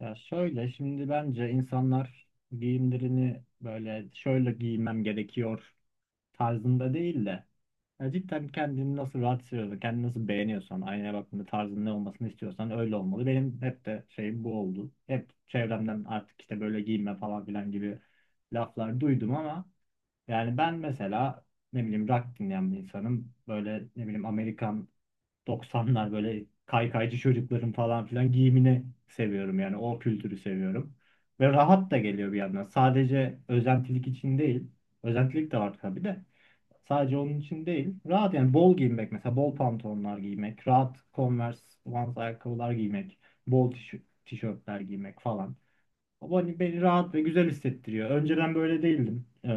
Ya şöyle şimdi bence insanlar giyimlerini böyle şöyle giymem gerekiyor tarzında değil de ya cidden kendini nasıl rahat hissediyorsan, kendini nasıl beğeniyorsan, aynaya baktığında tarzın ne olmasını istiyorsan öyle olmalı. Benim hep de şeyim bu oldu. Hep çevremden artık işte böyle giyinme falan filan gibi laflar duydum ama yani ben mesela ne bileyim rock dinleyen bir insanım. Böyle ne bileyim Amerikan 90'lar böyle kaykaycı çocukların falan filan giyimini seviyorum yani o kültürü seviyorum. Ve rahat da geliyor bir yandan. Sadece özentilik için değil. Özentilik de var tabii de. Sadece onun için değil. Rahat yani bol giyinmek mesela bol pantolonlar giymek, rahat Converse, Vans ayakkabılar giymek, bol tişörtler giymek falan. O beni rahat ve güzel hissettiriyor. Önceden böyle değildim.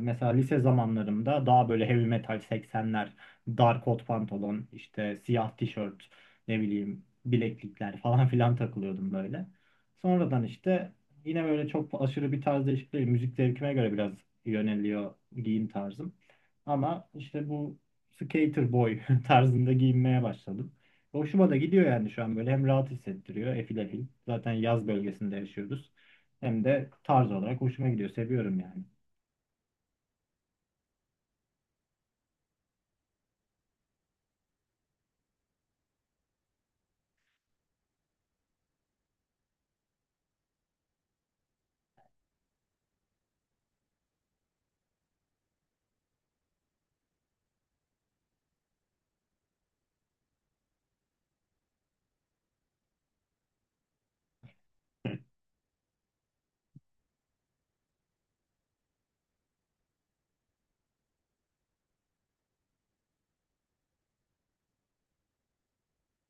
Mesela lise zamanlarımda daha böyle heavy metal 80'ler, dar kot pantolon, işte siyah tişört, ne bileyim bileklikler falan filan takılıyordum böyle. Sonradan işte yine böyle çok aşırı bir tarz değişikliği, değil. Müzik zevkime göre biraz yöneliyor giyim tarzım. Ama işte bu skater boy tarzında giyinmeye başladım. Hoşuma da gidiyor yani şu an böyle hem rahat hissettiriyor efil efil. Zaten yaz bölgesinde yaşıyoruz. Hem de tarz olarak hoşuma gidiyor. Seviyorum yani.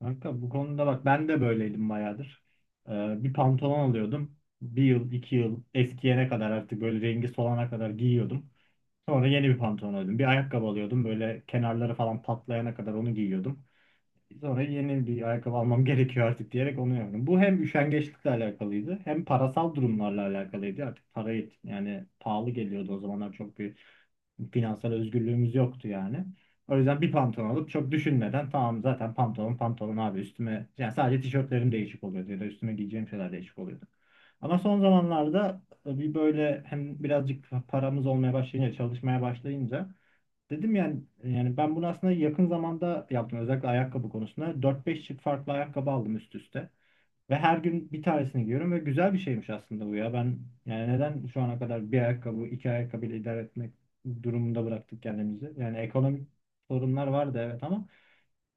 Kanka bu konuda bak ben de böyleydim bayağıdır. Bir pantolon alıyordum. Bir yıl, iki yıl eskiyene kadar artık böyle rengi solana kadar giyiyordum. Sonra yeni bir pantolon alıyordum. Bir ayakkabı alıyordum. Böyle kenarları falan patlayana kadar onu giyiyordum. Sonra yeni bir ayakkabı almam gerekiyor artık diyerek onu yaptım. Bu hem üşengeçlikle alakalıydı hem parasal durumlarla alakalıydı. Artık yani pahalı geliyordu o zamanlar çok bir finansal özgürlüğümüz yoktu yani. O yüzden bir pantolon alıp çok düşünmeden tamam zaten pantolon pantolon abi üstüme yani sadece tişörtlerim değişik oluyordu ya da üstüme giyeceğim şeyler değişik oluyordu. Ama son zamanlarda bir böyle hem birazcık paramız olmaya başlayınca çalışmaya başlayınca dedim yani ben bunu aslında yakın zamanda yaptım özellikle ayakkabı konusunda 4-5 çift farklı ayakkabı aldım üst üste. Ve her gün bir tanesini giyiyorum ve güzel bir şeymiş aslında bu ya. Ben yani neden şu ana kadar bir ayakkabı, iki ayakkabıyla idare etmek durumunda bıraktık kendimizi? Yani ekonomik sorunlar vardı evet ama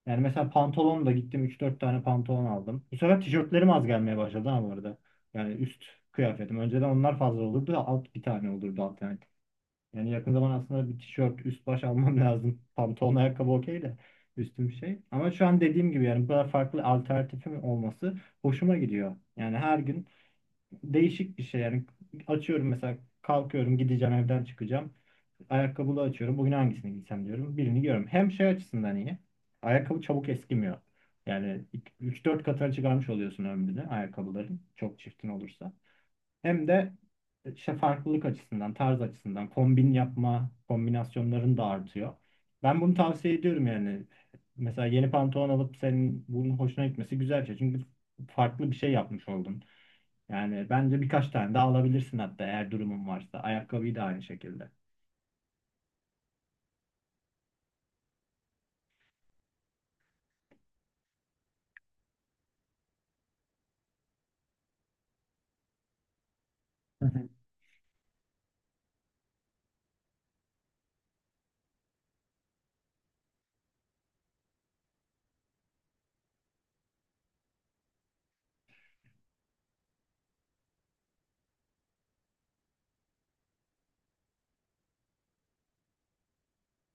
yani mesela pantolon da gittim üç dört tane pantolon aldım. Bu sefer tişörtlerim az gelmeye başladı ama bu arada. Yani üst kıyafetim. Önceden onlar fazla olurdu. Alt bir tane olurdu alternatif. Yani yakın zaman aslında bir tişört, üst baş almam lazım. Pantolon, ayakkabı okey de üstüm şey. Ama şu an dediğim gibi yani bu kadar farklı alternatifim olması hoşuma gidiyor. Yani her gün değişik bir şey. Yani açıyorum mesela kalkıyorum gideceğim evden çıkacağım. Ayakkabılı açıyorum. Bugün hangisini giysem diyorum. Birini giyiyorum. Hem şey açısından iyi. Ayakkabı çabuk eskimiyor. Yani üç dört katına çıkarmış oluyorsun ömrünü ayakkabıların. Çok çiftin olursa. Hem de işte farklılık açısından, tarz açısından kombin yapma kombinasyonların da artıyor. Ben bunu tavsiye ediyorum yani. Mesela yeni pantolon alıp senin bunun hoşuna gitmesi güzel bir şey. Çünkü farklı bir şey yapmış oldun. Yani bence birkaç tane daha alabilirsin hatta eğer durumun varsa. Ayakkabıyı da aynı şekilde. Hı hı.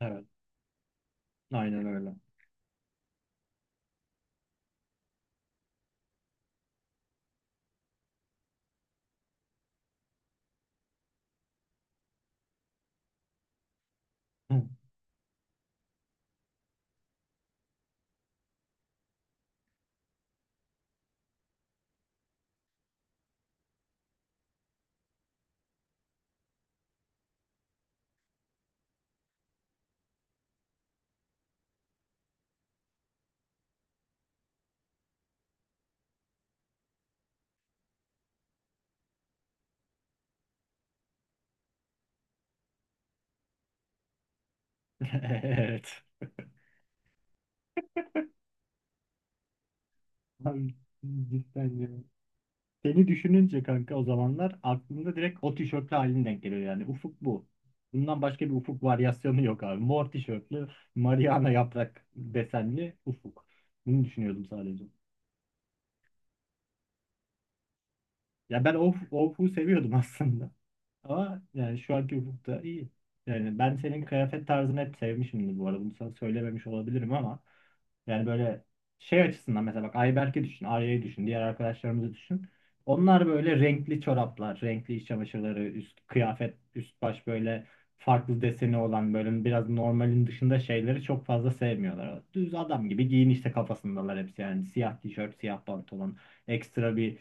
Evet, aynen öyle. Evet. Abi, cidden ya. Seni düşününce kanka o zamanlar aklımda direkt o tişörtlü halin denk geliyor yani. Ufuk bu. Bundan başka bir ufuk varyasyonu yok abi. Mor tişörtlü, Mariana yaprak desenli ufuk. Bunu düşünüyordum sadece. Ya ben o ufuğu seviyordum aslında. Ama yani şu anki hukukta iyi. Yani ben senin kıyafet tarzını hep sevmişimdir bu arada. Bunu sana söylememiş olabilirim ama yani böyle şey açısından mesela bak Ayberk'i düşün, Arya'yı düşün, diğer arkadaşlarımızı düşün. Onlar böyle renkli çoraplar, renkli iç çamaşırları, üst kıyafet, üst baş böyle farklı deseni olan böyle biraz normalin dışında şeyleri çok fazla sevmiyorlar. Düz adam gibi giyin işte kafasındalar hepsi yani siyah tişört, siyah pantolon, ekstra bir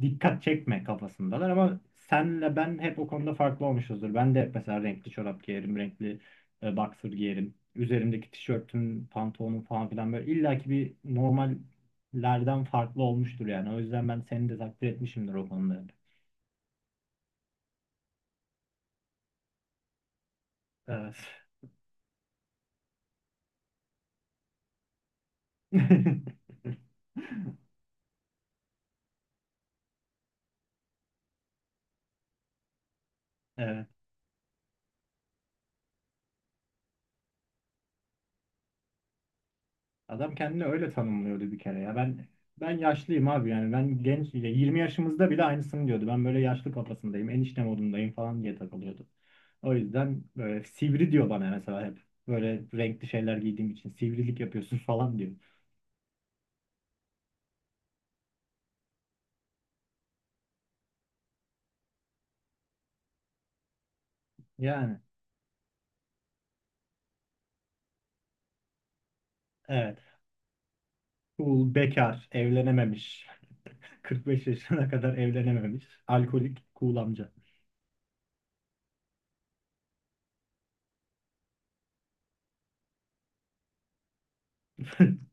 dikkat çekme kafasındalar ama senle ben hep o konuda farklı olmuşuzdur. Ben de hep mesela renkli çorap giyerim, renkli boxer giyerim. Üzerimdeki tişörtüm, pantolonum falan filan böyle illaki bir normallerden farklı olmuştur yani. O yüzden ben seni de takdir etmişimdir o konuda. Evet. Evet. Adam kendini öyle tanımlıyordu bir kere ya. Ben yaşlıyım abi yani ben genç ya 20 yaşımızda bile aynısını diyordu. Ben böyle yaşlı kafasındayım, enişte modundayım falan diye takılıyordu. O yüzden böyle sivri diyor bana mesela hep. Böyle renkli şeyler giydiğim için sivrilik yapıyorsun falan diyor. Yani evet. Cool, bekar, evlenememiş. 45 yaşına kadar evlenememiş. Alkolik, cool amca.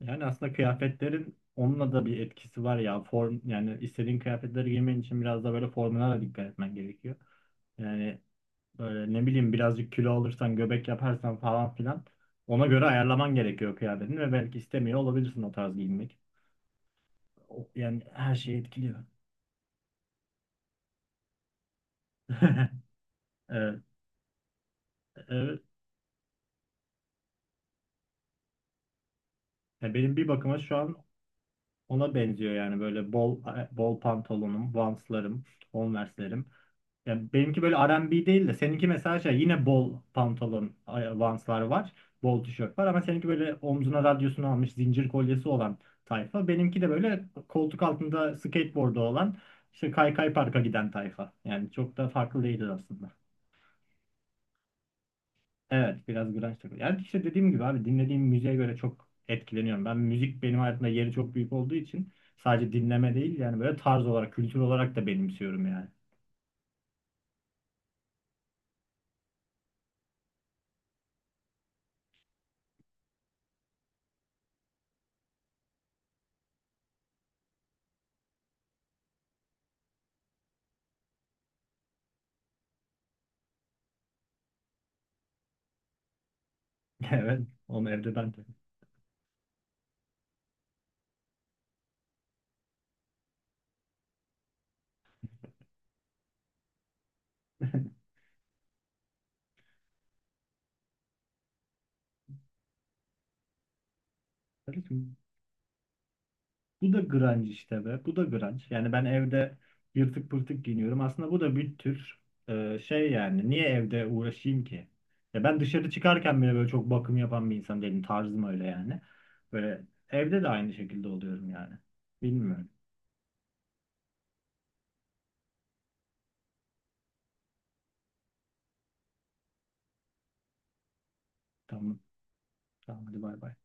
Yani aslında kıyafetlerin onunla da bir etkisi var ya. Form yani istediğin kıyafetleri giymen için biraz da böyle formuna da dikkat etmen gerekiyor. Yani böyle ne bileyim birazcık kilo alırsan, göbek yaparsan falan filan ona göre ayarlaman gerekiyor kıyafetini ve belki istemiyor olabilirsin o tarz giyinmek. Yani her şeyi etkiliyor. Evet, evet. Ya benim bir bakıma şu an ona benziyor yani böyle bol bol pantolonum, vanslarım, Converse'lerim. Ya benimki böyle R&B değil de seninki mesela şey yine bol pantolon, vanslar var. Bol tişört var ama seninki böyle omzuna radyosunu almış zincir kolyesi olan tayfa. Benimki de böyle koltuk altında skateboard'u olan işte kaykay parka giden tayfa. Yani çok da farklı değiliz aslında. Evet biraz grunge takılıyor. Yani işte dediğim gibi abi dinlediğim müziğe göre çok etkileniyorum. Ben müzik benim hayatımda yeri çok büyük olduğu için sadece dinleme değil yani böyle tarz olarak kültür olarak da benimsiyorum yani. Evet onu evde ben de. Bu da grunge işte be. Bu da grunge. Yani ben evde yırtık pırtık giyiniyorum. Aslında bu da bir tür şey yani. Niye evde uğraşayım ki? Ya ben dışarı çıkarken bile böyle çok bakım yapan bir insan değilim. Tarzım öyle yani. Böyle evde de aynı şekilde oluyorum yani. Bilmiyorum. Tamam. Tamam hadi bay bay.